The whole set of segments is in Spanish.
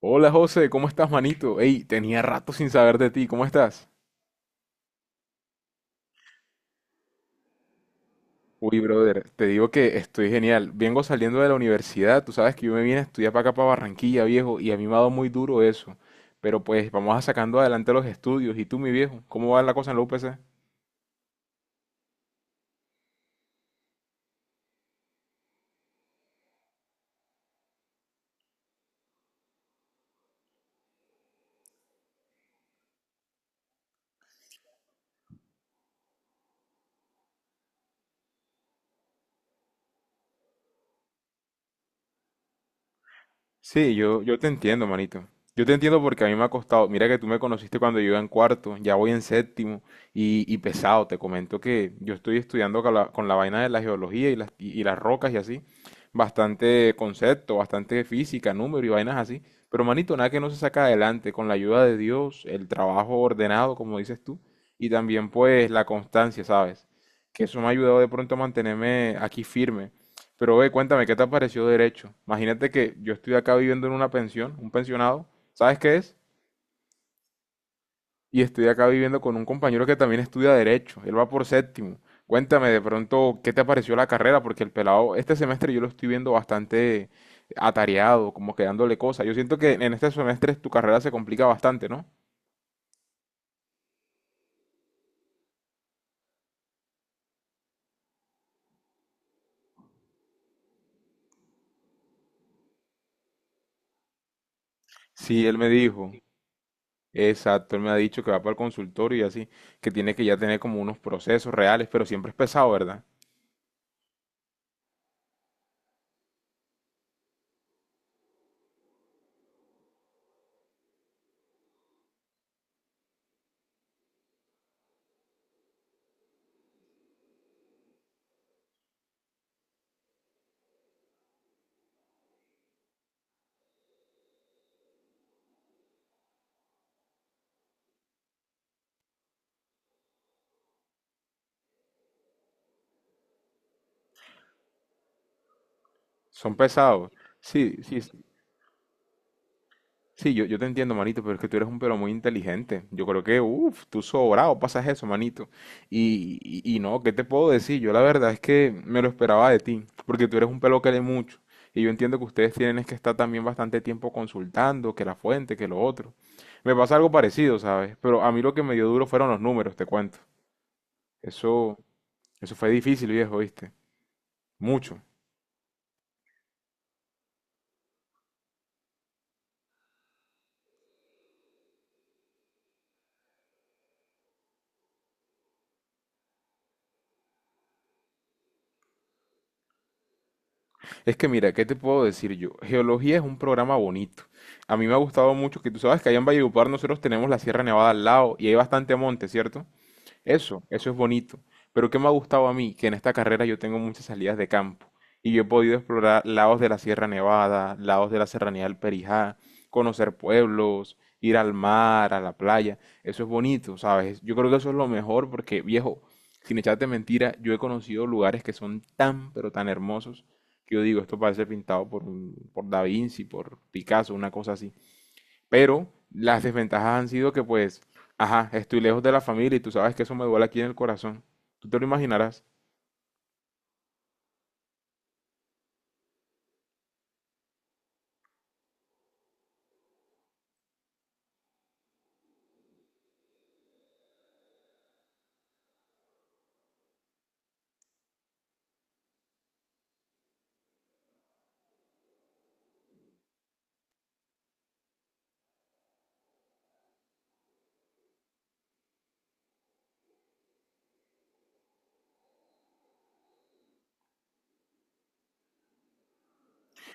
Hola José, ¿cómo estás, manito? Ey, tenía rato sin saber de ti, ¿cómo estás? Uy, brother, te digo que estoy genial. Vengo saliendo de la universidad, tú sabes que yo me vine a estudiar para acá, para Barranquilla, viejo, y a mí me ha dado muy duro eso. Pero pues vamos a sacando adelante los estudios. ¿Y tú, mi viejo? ¿Cómo va la cosa en la UPC? Sí, yo te entiendo, manito. Yo te entiendo porque a mí me ha costado. Mira que tú me conociste cuando yo iba en cuarto, ya voy en séptimo y pesado. Te comento que yo estoy estudiando con con la vaina de la geología y y las rocas y así. Bastante concepto, bastante física, número y vainas así. Pero, manito, nada que no se saca adelante con la ayuda de Dios, el trabajo ordenado, como dices tú, y también pues la constancia, ¿sabes? Que eso me ha ayudado de pronto a mantenerme aquí firme. Pero ve, cuéntame, ¿qué te pareció derecho? Imagínate que yo estoy acá viviendo en una pensión, un pensionado, ¿sabes qué es? Y estoy acá viviendo con un compañero que también estudia derecho, él va por séptimo. Cuéntame de pronto, ¿qué te pareció la carrera? Porque el pelado, este semestre yo lo estoy viendo bastante atareado, como quedándole cosas. Yo siento que en este semestre tu carrera se complica bastante, ¿no? Sí, él me dijo, exacto, él me ha dicho que va para el consultorio y así, que tiene que ya tener como unos procesos reales, pero siempre es pesado, ¿verdad? Son pesados. Sí, sí. Sí, yo te entiendo, manito, pero es que tú eres un pero muy inteligente. Yo creo que, uff, tú sobrado pasas eso, manito. Y, y no, ¿qué te puedo decir? Yo la verdad es que me lo esperaba de ti, porque tú eres un pelo que lee mucho. Y yo entiendo que ustedes tienen es que estar también bastante tiempo consultando, que la fuente, que lo otro. Me pasa algo parecido, ¿sabes? Pero a mí lo que me dio duro fueron los números, te cuento. Eso, eso fue difícil, viejo, ¿viste? Mucho. Es que mira, ¿qué te puedo decir yo? Geología es un programa bonito. A mí me ha gustado mucho que tú sabes que allá en Valledupar nosotros tenemos la Sierra Nevada al lado y hay bastante monte, ¿cierto? Eso es bonito. Pero ¿qué me ha gustado a mí? Que en esta carrera yo tengo muchas salidas de campo y yo he podido explorar lados de la Sierra Nevada, lados de la Serranía del Perijá, conocer pueblos, ir al mar, a la playa. Eso es bonito, ¿sabes? Yo creo que eso es lo mejor porque, viejo, sin echarte mentira, yo he conocido lugares que son tan, pero tan hermosos que yo digo, esto parece pintado por Da Vinci, por Picasso, una cosa así. Pero las desventajas han sido que pues, ajá, estoy lejos de la familia y tú sabes que eso me duele aquí en el corazón. Tú te lo imaginarás.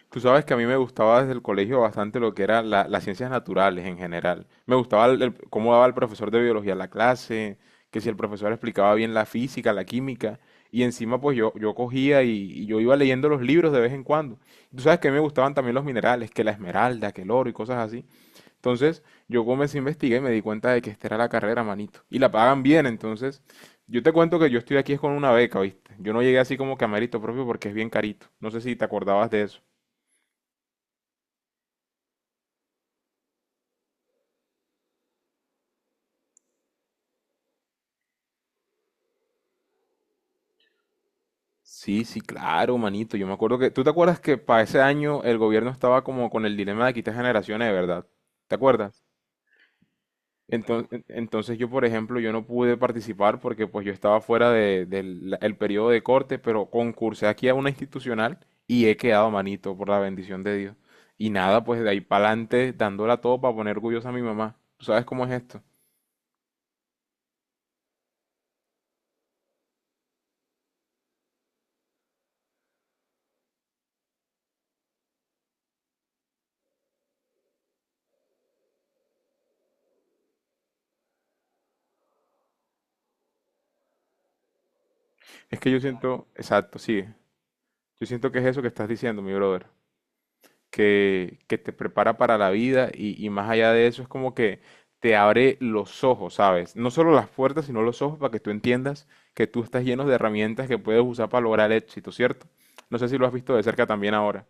Tú sabes que a mí me gustaba desde el colegio bastante lo que eran las ciencias naturales en general. Me gustaba cómo daba el profesor de biología la clase, que si el profesor explicaba bien la física, la química. Y encima pues yo cogía y yo iba leyendo los libros de vez en cuando. Tú sabes que a mí me gustaban también los minerales, que la esmeralda, que el oro y cosas así. Entonces, yo comencé a investigar y me di cuenta de que esta era la carrera, manito. Y la pagan bien, entonces, yo te cuento que yo estoy aquí es con una beca, ¿viste? Yo no llegué así como que a mérito propio porque es bien carito. No sé si te acordabas de eso. Sí, sí, claro, manito. Yo me acuerdo que... ¿Tú te acuerdas que para ese año el gobierno estaba como con el dilema de quitar generaciones, de verdad? ¿Te acuerdas? Entonces, yo, por ejemplo, yo no pude participar porque pues yo estaba fuera el periodo de corte, pero concursé aquí a una institucional y he quedado manito por la bendición de Dios. Y nada, pues de ahí para adelante dándola todo para poner orgullosa a mi mamá. ¿Tú sabes cómo es esto? Es que yo siento, exacto, sí. Yo siento que es eso que estás diciendo, mi brother. Que te prepara para la vida y más allá de eso es como que te abre los ojos, ¿sabes? No solo las puertas, sino los ojos para que tú entiendas que tú estás lleno de herramientas que puedes usar para lograr el éxito, ¿cierto? No sé si lo has visto de cerca también ahora.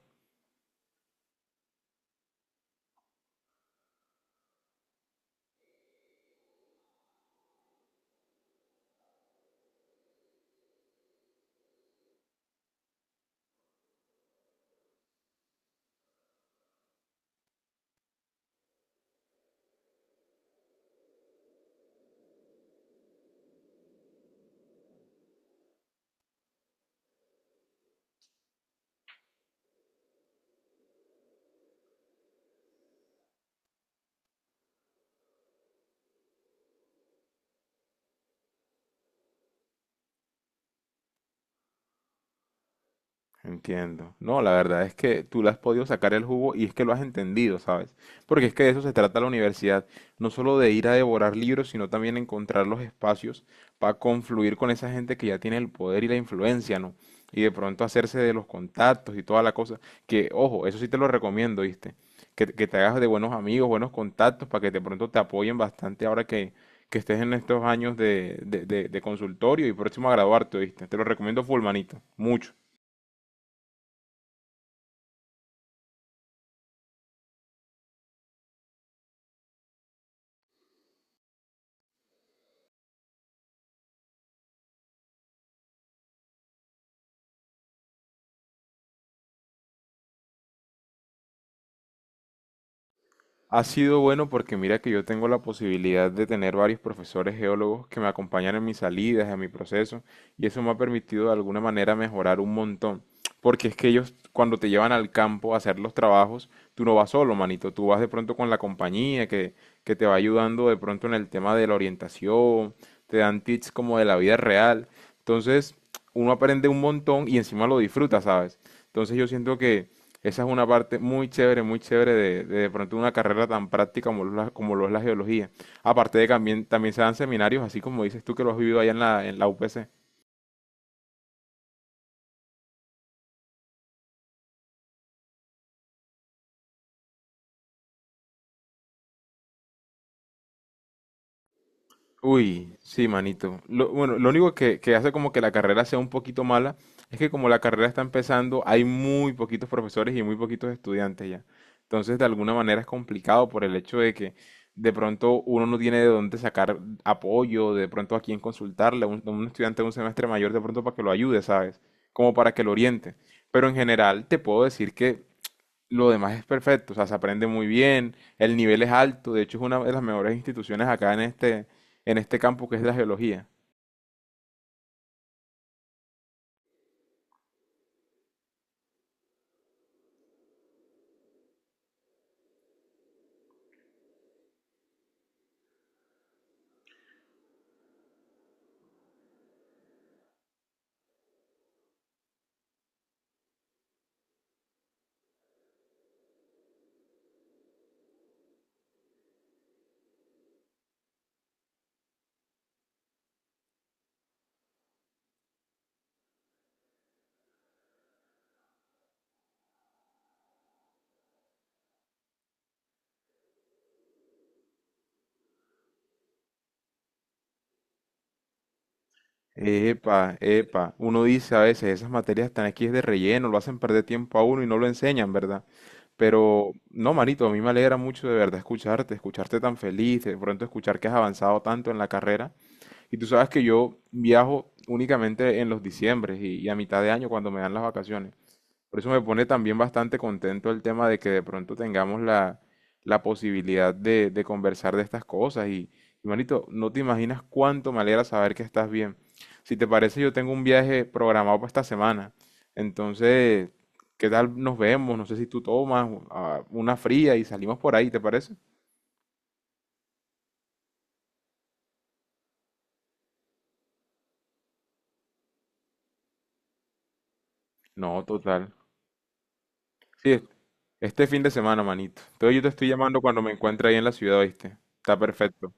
Entiendo. No, la verdad es que tú le has podido sacar el jugo y es que lo has entendido, ¿sabes? Porque es que de eso se trata la universidad, no solo de ir a devorar libros, sino también encontrar los espacios para confluir con esa gente que ya tiene el poder y la influencia, ¿no? Y de pronto hacerse de los contactos y toda la cosa. Que, ojo, eso sí te lo recomiendo, ¿viste? Que te hagas de buenos amigos, buenos contactos, para que de pronto te apoyen bastante ahora que estés en estos años de consultorio y próximo a graduarte, ¿viste? Te lo recomiendo full, manito, mucho. Ha sido bueno porque mira que yo tengo la posibilidad de tener varios profesores geólogos que me acompañan en mis salidas, en mi proceso, y eso me ha permitido de alguna manera mejorar un montón. Porque es que ellos cuando te llevan al campo a hacer los trabajos, tú no vas solo, manito, tú vas de pronto con la compañía que te va ayudando de pronto en el tema de la orientación, te dan tips como de la vida real. Entonces, uno aprende un montón y encima lo disfruta, ¿sabes? Entonces yo siento que esa es una parte muy chévere de pronto una carrera tan práctica como, como lo es la geología. Aparte de que también, también se dan seminarios, así como dices tú que lo has vivido allá en en la U P C Uy, sí, manito. Bueno, lo único que hace como que la carrera sea un poquito mala es que como la carrera está empezando, hay muy poquitos profesores y muy poquitos estudiantes ya. Entonces, de alguna manera es complicado por el hecho de que de pronto uno no tiene de dónde sacar apoyo, de pronto a quién consultarle, un estudiante de un semestre mayor de pronto para que lo ayude, ¿sabes? Como para que lo oriente. Pero en general te puedo decir que lo demás es perfecto, o sea, se aprende muy bien, el nivel es alto, de hecho es una de las mejores instituciones acá en en este campo que es la geología. Epa, epa, uno dice a veces, esas materias están aquí es de relleno, lo hacen perder tiempo a uno y no lo enseñan, ¿verdad? Pero no, manito, a mí me alegra mucho de verdad escucharte, escucharte tan feliz, de pronto escuchar que has avanzado tanto en la carrera. Y tú sabes que yo viajo únicamente en los diciembres y a mitad de año cuando me dan las vacaciones. Por eso me pone también bastante contento el tema de que de pronto tengamos la posibilidad de conversar de estas cosas. Y, manito, no te imaginas cuánto me alegra saber que estás bien. Si te parece, yo tengo un viaje programado para esta semana. Entonces, ¿qué tal nos vemos? No sé si tú tomas una fría y salimos por ahí, ¿te parece? No, total. Sí, es- este fin de semana, manito. Entonces yo te estoy llamando cuando me encuentre ahí en la ciudad, ¿viste? Está perfecto.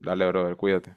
Dale, brother, cuídate.